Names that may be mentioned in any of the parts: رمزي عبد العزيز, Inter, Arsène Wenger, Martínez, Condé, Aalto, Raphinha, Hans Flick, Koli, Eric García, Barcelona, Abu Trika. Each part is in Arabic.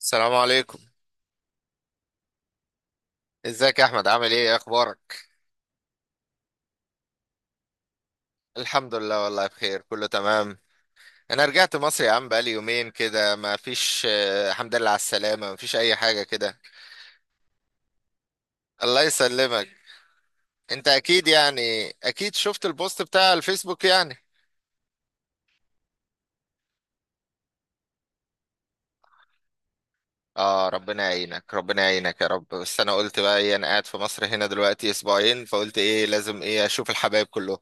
السلام عليكم. ازيك يا احمد؟ عامل ايه؟ ايه اخبارك؟ الحمد لله. والله بخير، كله تمام. انا رجعت مصر يا عم بقالي يومين كده، ما فيش الحمد لله على السلامة، ما فيش اي حاجة كده. الله يسلمك. انت اكيد يعني اكيد شفت البوست بتاع الفيسبوك يعني. اه، ربنا يعينك ربنا يعينك يا رب. بس انا قلت بقى ايه، انا قاعد في مصر هنا دلوقتي اسبوعين، فقلت ايه لازم ايه اشوف الحبايب كلهم.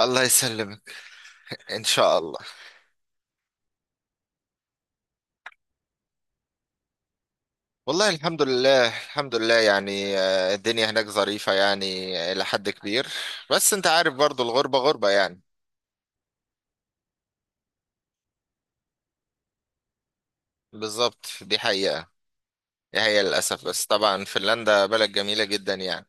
الله يسلمك. ان شاء الله. والله الحمد لله الحمد لله يعني، الدنيا هناك ظريفة يعني إلى حد كبير. بس أنت عارف برضو، الغربة غربة يعني. بالظبط، دي حقيقة. دي حقيقة للأسف، بس طبعا فنلندا بلد جميلة جدا يعني.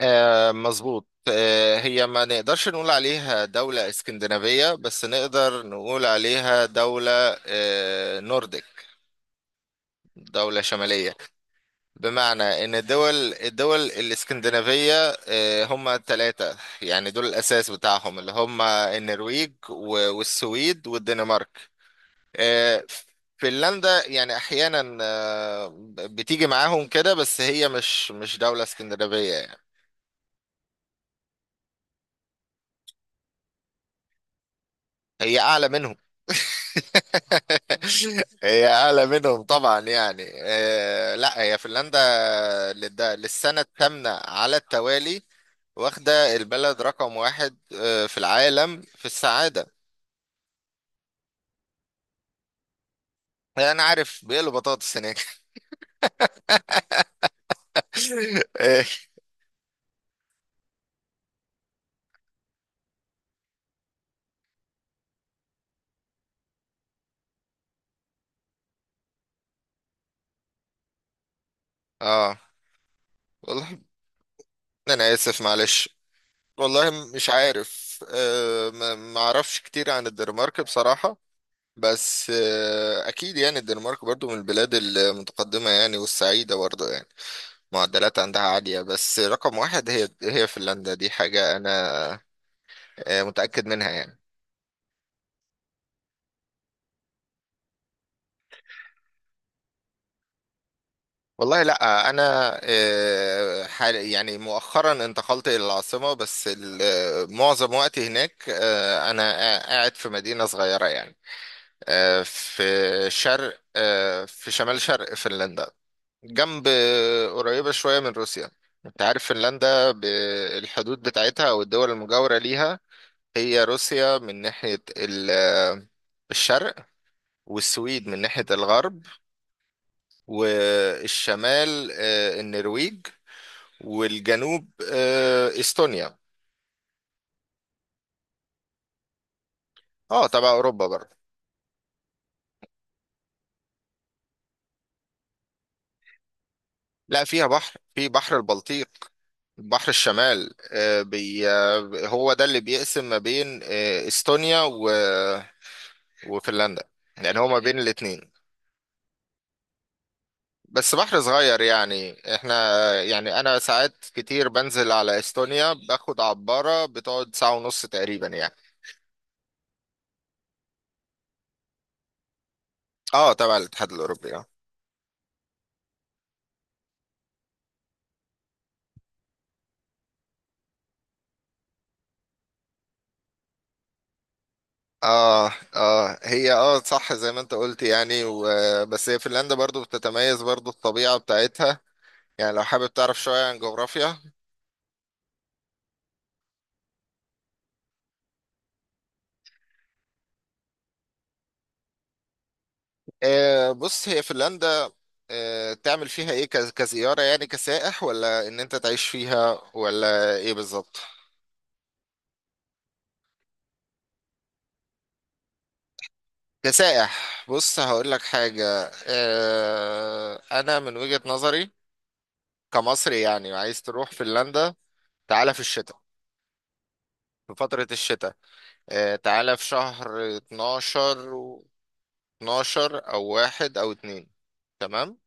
آه، مظبوط. هي ما نقدرش نقول عليها دولة اسكندنافية، بس نقدر نقول عليها دولة نورديك، دولة شمالية. بمعنى ان الدول الاسكندنافية، هم ثلاثة، يعني دول الاساس بتاعهم اللي هم النرويج والسويد والدنمارك. آه، فنلندا يعني احيانا بتيجي معاهم كده، بس هي مش دولة اسكندنافية يعني. هي اعلى منهم. هي اعلى منهم طبعا يعني، لا، هي فنلندا للسنة الثامنة على التوالي واخدة البلد رقم واحد في العالم في السعادة. يعني أنا عارف بيقلوا بطاطس هناك. إيه. اه والله. أنا آسف معلش. والله مش عارف، ما أعرفش كتير عن الدنمارك بصراحة. بس أكيد يعني الدنمارك برضو من البلاد المتقدمة يعني، والسعيدة برضو يعني. معدلات عندها عالية، بس رقم واحد هي فنلندا، دي حاجة أنا متأكد منها يعني. والله، لا انا حال يعني مؤخرا انتقلت الى العاصمه، بس معظم وقتي هناك انا قاعد في مدينه صغيره يعني، في شرق في شمال شرق فنلندا، جنب قريبه شويه من روسيا. انت عارف فنلندا بالحدود بتاعتها او الدول المجاوره ليها. هي روسيا من ناحيه الشرق، والسويد من ناحيه الغرب، والشمال النرويج، والجنوب استونيا. اه، تبع اوروبا برضه. لا، فيها بحر، في بحر البلطيق، بحر الشمال. آه، بي آه، هو ده اللي بيقسم ما بين استونيا وفنلندا، يعني هو ما بين الاتنين. بس بحر صغير يعني، احنا يعني انا ساعات كتير بنزل على استونيا، باخد عبارة بتقعد ساعة ونص تقريبا يعني. اه، تبع الاتحاد الاوروبي اه اه، هي صح زي ما انت قلت يعني بس هي فنلندا برضو بتتميز برضو الطبيعة بتاعتها، يعني لو حابب تعرف شوية عن جغرافيا. بص، هي فنلندا. تعمل فيها ايه كزيارة، يعني كسائح، ولا ان انت تعيش فيها، ولا ايه بالظبط؟ كسائح، بص هقول لك حاجة. انا من وجهة نظري كمصري يعني، عايز تروح فنلندا، تعالى في الشتاء، في فترة الشتاء، تعالى في شهر 12، 12 او واحد او اتنين، تمام.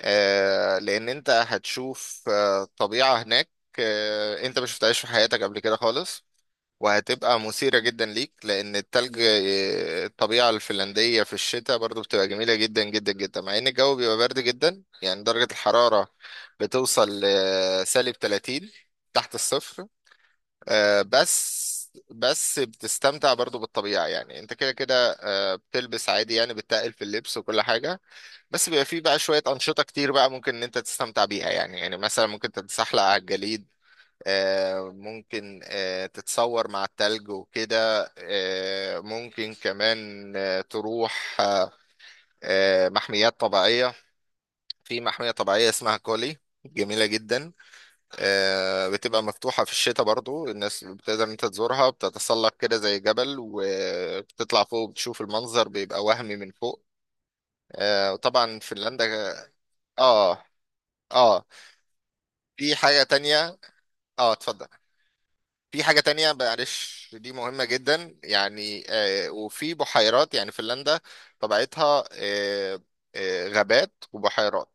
لان انت هتشوف طبيعة هناك انت ما شفتهاش في حياتك قبل كده خالص، وهتبقى مثيرة جدا ليك، لان التلج الطبيعة الفنلندية في الشتاء برضو بتبقى جميلة جدا جدا جدا، مع ان الجو بيبقى برد جدا، يعني درجة الحرارة بتوصل لسالب 30 تحت الصفر. آه، بس بس بتستمتع برضو بالطبيعة، يعني انت كده كده بتلبس عادي يعني، بتتقل في اللبس وكل حاجة. بس بيبقى فيه بقى شوية أنشطة كتير بقى ممكن ان انت تستمتع بيها، يعني يعني مثلا ممكن تتزحلق على الجليد، ممكن تتصور مع التلج وكده، ممكن كمان تروح محميات طبيعية. في محمية طبيعية اسمها كولي، جميلة جدا، بتبقى مفتوحة في الشتاء برضو. الناس بتقدر إن انت تزورها، بتتسلق كده زي جبل وبتطلع فوق، وبتشوف المنظر بيبقى وهمي من فوق. وطبعا فنلندا. اه اه، في حاجة تانية. اه، اتفضل. في حاجة تانية، معلش، دي مهمة جدا يعني. وفي بحيرات، يعني فنلندا طبيعتها غابات وبحيرات.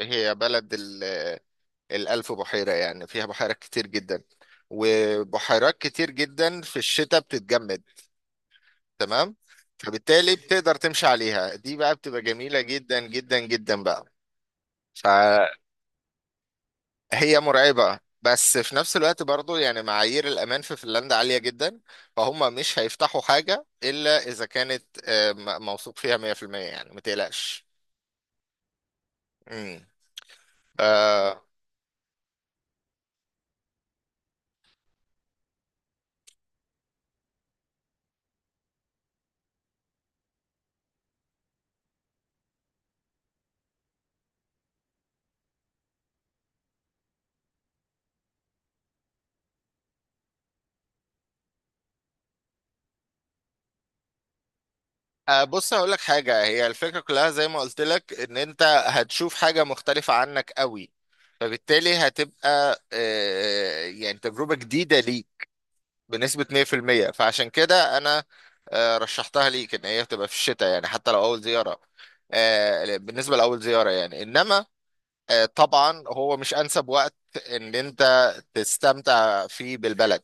هي بلد الألف بحيرة، يعني فيها بحيرات كتير جدا، وبحيرات كتير جدا في الشتاء بتتجمد، تمام. فبالتالي بتقدر تمشي عليها، دي بقى بتبقى جميلة جدا جدا جدا بقى. فهي مرعبة، بس في نفس الوقت برضو يعني معايير الأمان في فنلندا عالية جدا، فهم مش هيفتحوا حاجة إلا إذا كانت موثوق فيها 100%، يعني ما تقلقش. مم. آه، أه بص هقول لك حاجة. هي الفكرة كلها زي ما قلت لك ان انت هتشوف حاجة مختلفة عنك قوي، فبالتالي هتبقى يعني تجربة جديدة ليك بنسبة 100%. فعشان كده انا رشحتها ليك ان هي تبقى في الشتاء، يعني حتى لو اول زيارة. بالنسبة لأول زيارة يعني، انما طبعا هو مش انسب وقت ان انت تستمتع فيه بالبلد،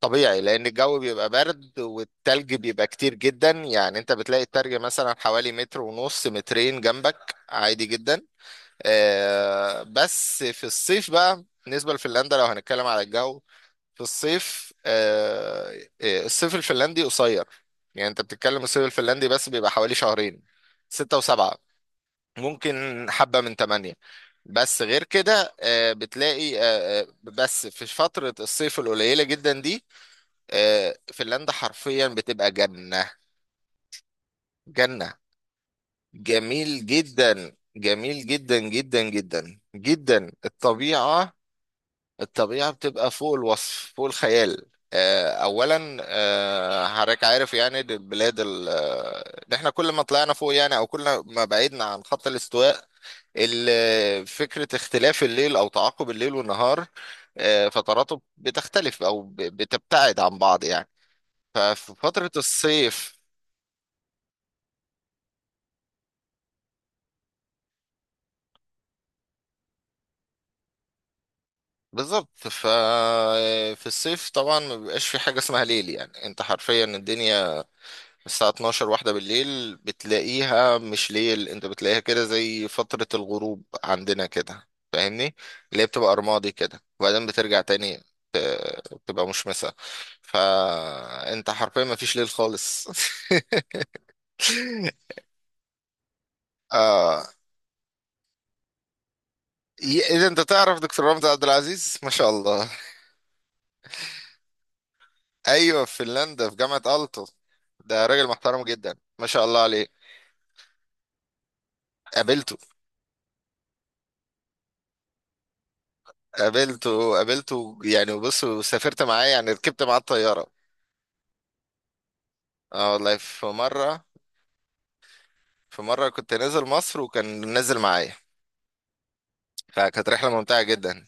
طبيعي، لان الجو بيبقى برد والتلج بيبقى كتير جدا، يعني انت بتلاقي التلج مثلا حوالي متر ونص مترين جنبك عادي جدا. بس في الصيف بقى، بالنسبة لفنلندا لو هنتكلم على الجو. في الصيف الصيف الفنلندي قصير، يعني انت بتتكلم الصيف الفنلندي بس بيبقى حوالي شهرين، ستة وسبعة، ممكن حبة من تمانية. بس غير كده بتلاقي بس في فترة الصيف القليلة جدا دي، فنلندا حرفيا بتبقى جنة، جنة، جميل جدا جميل جدا جدا جدا جدا الطبيعة. الطبيعة بتبقى فوق الوصف فوق الخيال. أولا حضرتك عارف يعني دي البلاد إن احنا كل ما طلعنا فوق يعني، أو كل ما بعدنا عن خط الاستواء، فكرة اختلاف الليل أو تعاقب الليل والنهار فتراته بتختلف أو بتبتعد عن بعض يعني. ففي فترة الصيف بالظبط. ففي الصيف طبعا ما بيبقاش في حاجة اسمها ليل، يعني انت حرفيا الدنيا الساعة 12 واحدة بالليل بتلاقيها مش ليل، انت بتلاقيها كده زي فترة الغروب عندنا كده، فاهمني؟ اللي هي بتبقى رمادي كده، وبعدين بترجع تاني تبقى مشمسة. فانت حرفيا ما فيش ليل خالص. اه. اذا انت تعرف دكتور رمزي عبد العزيز، ما شاء الله. ايوه، في فنلندا في جامعة ألتو، ده راجل محترم جدا ما شاء الله عليه. قابلته. قابلته. قابلته يعني، بص سافرت معاه يعني، ركبت معاه الطيارة. اه والله في مرة كنت نازل مصر وكان نازل معايا، فكانت رحلة ممتعة جدا.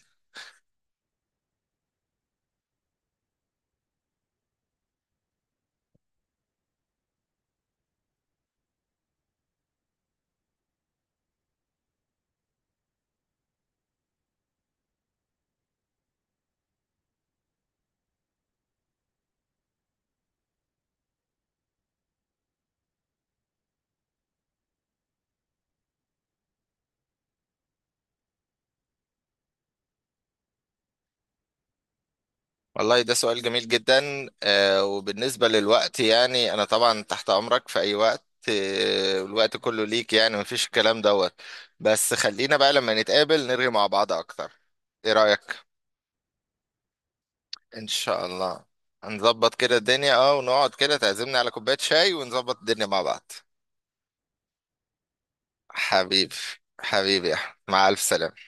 والله ده سؤال جميل جدا. وبالنسبة للوقت يعني، أنا طبعا تحت أمرك في أي وقت، الوقت كله ليك يعني، مفيش الكلام دوت. بس خلينا بقى لما نتقابل نرغي مع بعض أكتر. إيه رأيك؟ إن شاء الله. هنظبط كده الدنيا ونقعد كده تعزمني على كوباية شاي، ونظبط الدنيا مع بعض. حبيبي. حبيبي يا أحمد. مع ألف سلامة.